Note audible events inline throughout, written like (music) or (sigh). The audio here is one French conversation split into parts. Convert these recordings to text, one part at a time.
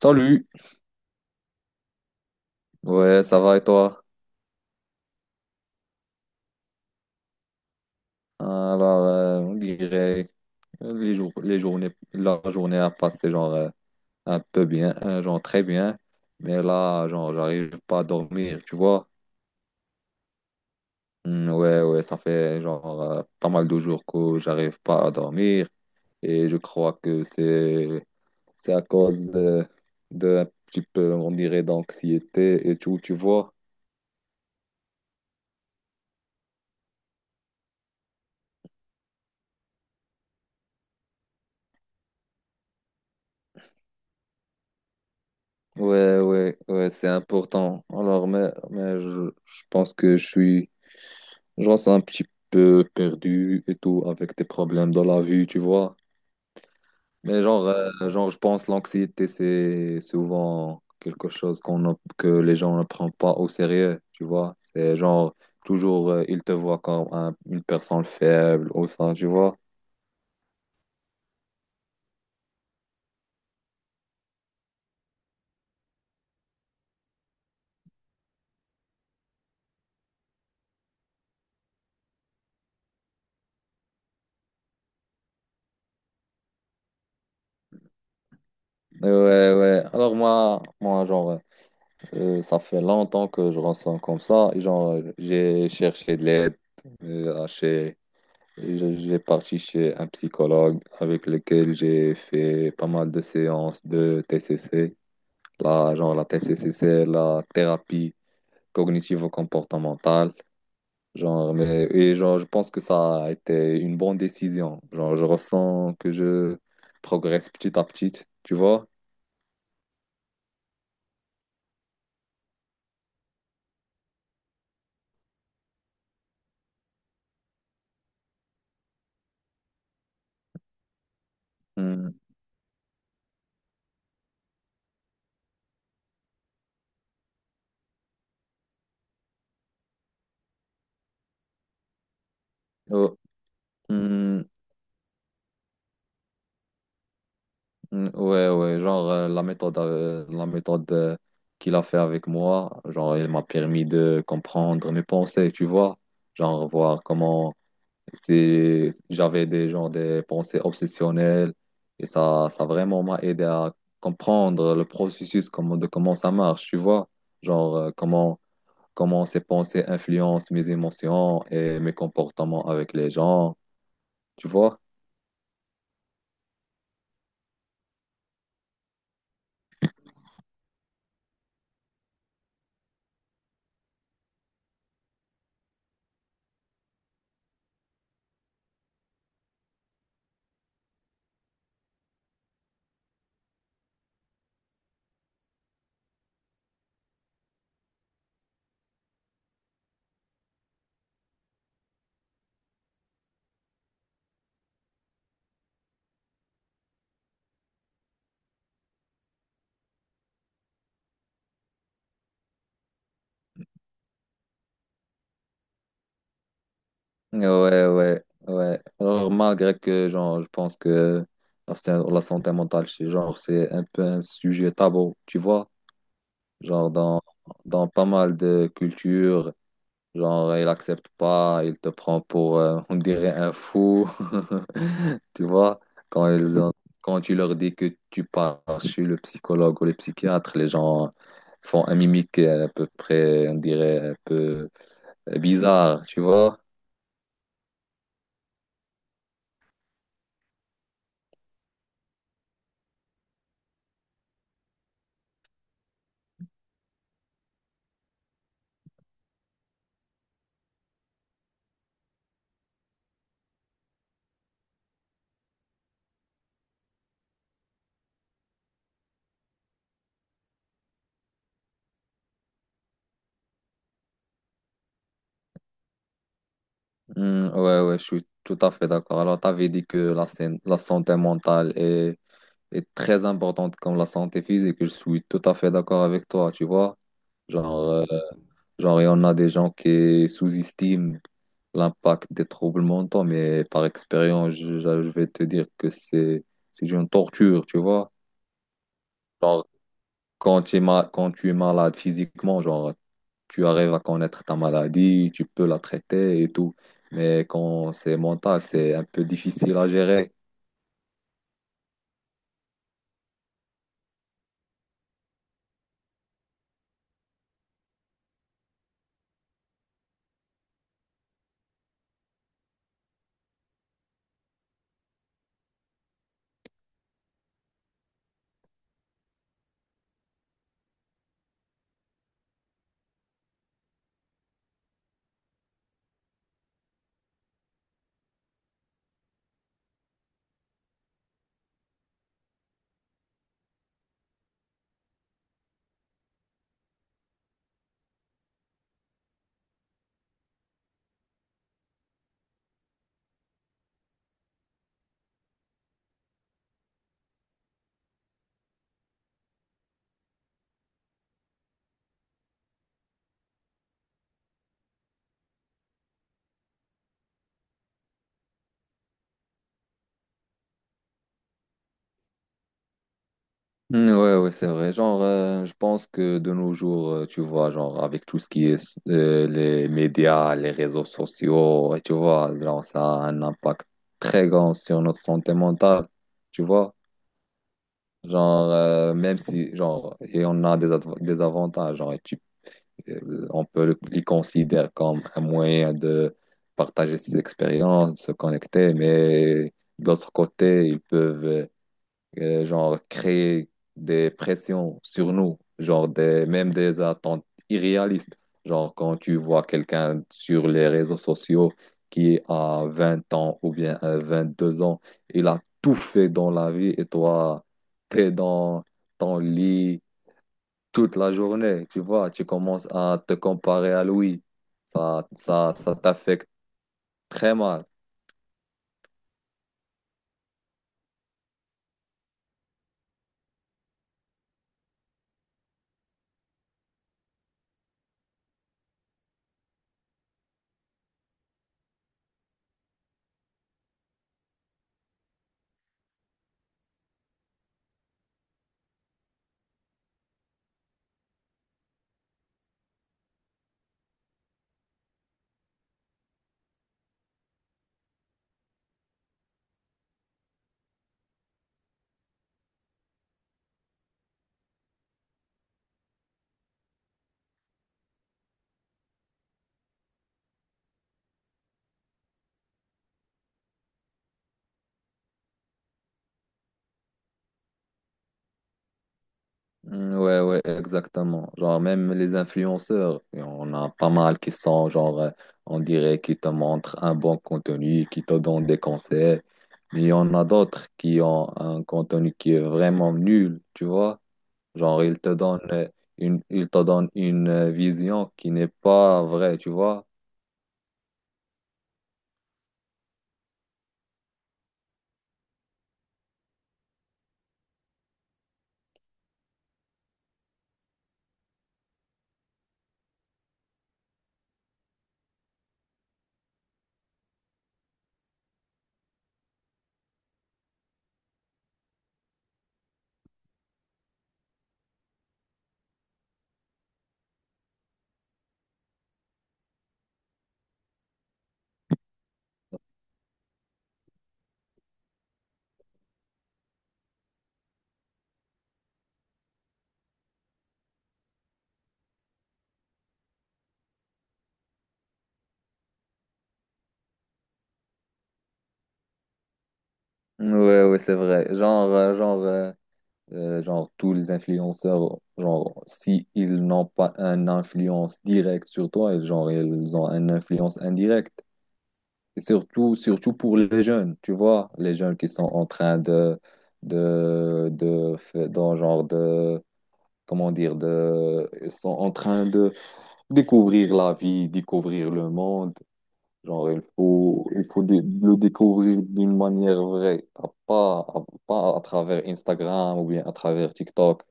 Salut, ouais, ça va et toi? Alors, on dirait les jours, les journées, la journée a passé genre un peu bien, genre très bien, mais là, genre, j'arrive pas à dormir, tu vois? Hmm, ouais, ouais, ça fait genre pas mal de jours que j'arrive pas à dormir et je crois que c'est à cause de un petit peu, on dirait, d'anxiété et tout, tu vois? Ouais, ouais, ouais, c'est important. Alors, mais je pense que je suis. Genre, c'est un petit peu perdu et tout, avec des problèmes dans la vie, tu vois. Mais genre, genre je pense l'anxiété, c'est souvent quelque chose qu'on, n'a- que les gens ne prennent pas au sérieux, tu vois. C'est genre, toujours, ils te voient comme une personne faible ou ça, tu vois. Ouais, ouais. Alors moi, moi genre, ça fait longtemps que je ressens comme ça. Et genre, j'ai cherché de l'aide à chez. J'ai parti chez un psychologue avec lequel j'ai fait pas mal de séances de TCC, la, genre la TCC, c'est la thérapie cognitivo-comportementale, genre, mais, et genre, je pense que ça a été une bonne décision. Genre, je ressens que je progresse petit à petit, tu vois? Hmm. Oh, hmm. Ouais, ouais, genre la méthode qu'il a fait avec moi, genre il m'a permis de comprendre mes pensées, tu vois, genre voir comment c'est, j'avais des genre des pensées obsessionnelles et ça vraiment m'a aidé à comprendre le processus comment, de comment ça marche, tu vois, genre comment comment ces pensées influencent mes émotions et mes comportements avec les gens, tu vois. Ouais, ouais, ouais. Alors, malgré que, genre, je pense que la santé mentale, c'est genre, c'est un peu un sujet tabou, tu vois? Genre, dans, dans pas mal de cultures, genre, il accepte pas, il te prend pour, on dirait, un fou, (laughs) tu vois? Quand ils ont, quand tu leur dis que tu pars chez le psychologue ou le psychiatre, les gens font un mimique à peu près, on dirait, un peu bizarre, tu vois? Hmm, ouais, ouais, je suis tout à fait d'accord. Alors, tu avais dit que la santé mentale est très importante comme la santé physique. Je suis tout à fait d'accord avec toi, tu vois. Genre, genre, il y en a des gens qui sous-estiment l'impact des troubles mentaux, mais par expérience, je vais te dire que c'est une torture, tu vois. Genre, quand tu es malade physiquement, genre, tu arrives à connaître ta maladie, tu peux la traiter et tout. Mais quand c'est mental, c'est un peu difficile à gérer. Ouais, ouais, c'est vrai. Genre, je pense que de nos jours, tu vois, genre, avec tout ce qui est les médias, les réseaux sociaux, et tu vois, genre, ça a un impact très grand sur notre santé mentale, tu vois. Genre, même si, genre, et on a des avantages, genre, on peut les considérer comme un moyen de partager ses expériences, de se connecter, mais d'autre côté, ils peuvent genre créer des pressions sur nous, genre des, même des attentes irréalistes. Genre quand tu vois quelqu'un sur les réseaux sociaux qui a 20 ans ou bien 22 ans, il a tout fait dans la vie et toi, t'es dans ton lit toute la journée, tu vois, tu commences à te comparer à lui. Ça t'affecte très mal. Ouais, ouais, exactement. Genre, même les influenceurs, il y a pas mal qui sont, genre, on dirait qu'ils te montrent un bon contenu, qui te donnent des conseils. Mais il y en a d'autres qui ont un contenu qui est vraiment nul, tu vois. Genre, ils te donnent ils te donnent une vision qui n'est pas vraie, tu vois. Ouais, ouais, c'est vrai. Genre, tous les influenceurs, genre, si ils n'ont pas une influence directe sur toi, genre, ils ont une influence indirecte. Et surtout, surtout pour les jeunes, tu vois, les jeunes qui sont en train dans comment dire, de, ils sont en train de découvrir la vie, découvrir le monde. Genre, le découvrir d'une manière vraie, pas, pas à travers Instagram ou bien à travers TikTok.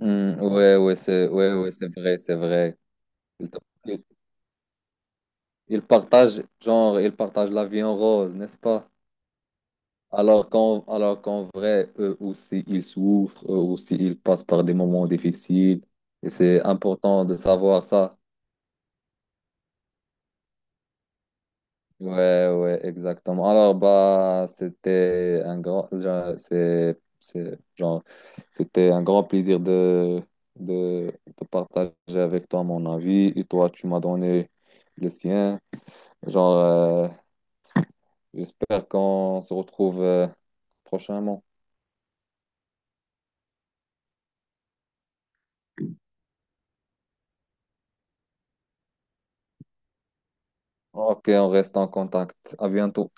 Hmm, ouais, ouais, c'est vrai, c'est vrai. Ils, ils- ils partagent, genre, ils partagent la vie en rose, n'est-ce pas? Alors qu'en vrai, eux aussi, ils souffrent, eux aussi, ils passent par des moments difficiles. Et c'est important de savoir ça. Ouais, ouais, exactement. Alors, bah, c'était un grand, c'était un grand plaisir de partager avec toi mon avis. Et toi, tu m'as donné le sien. Genre, j'espère qu'on se retrouve prochainement. Ok, on reste en contact. À bientôt.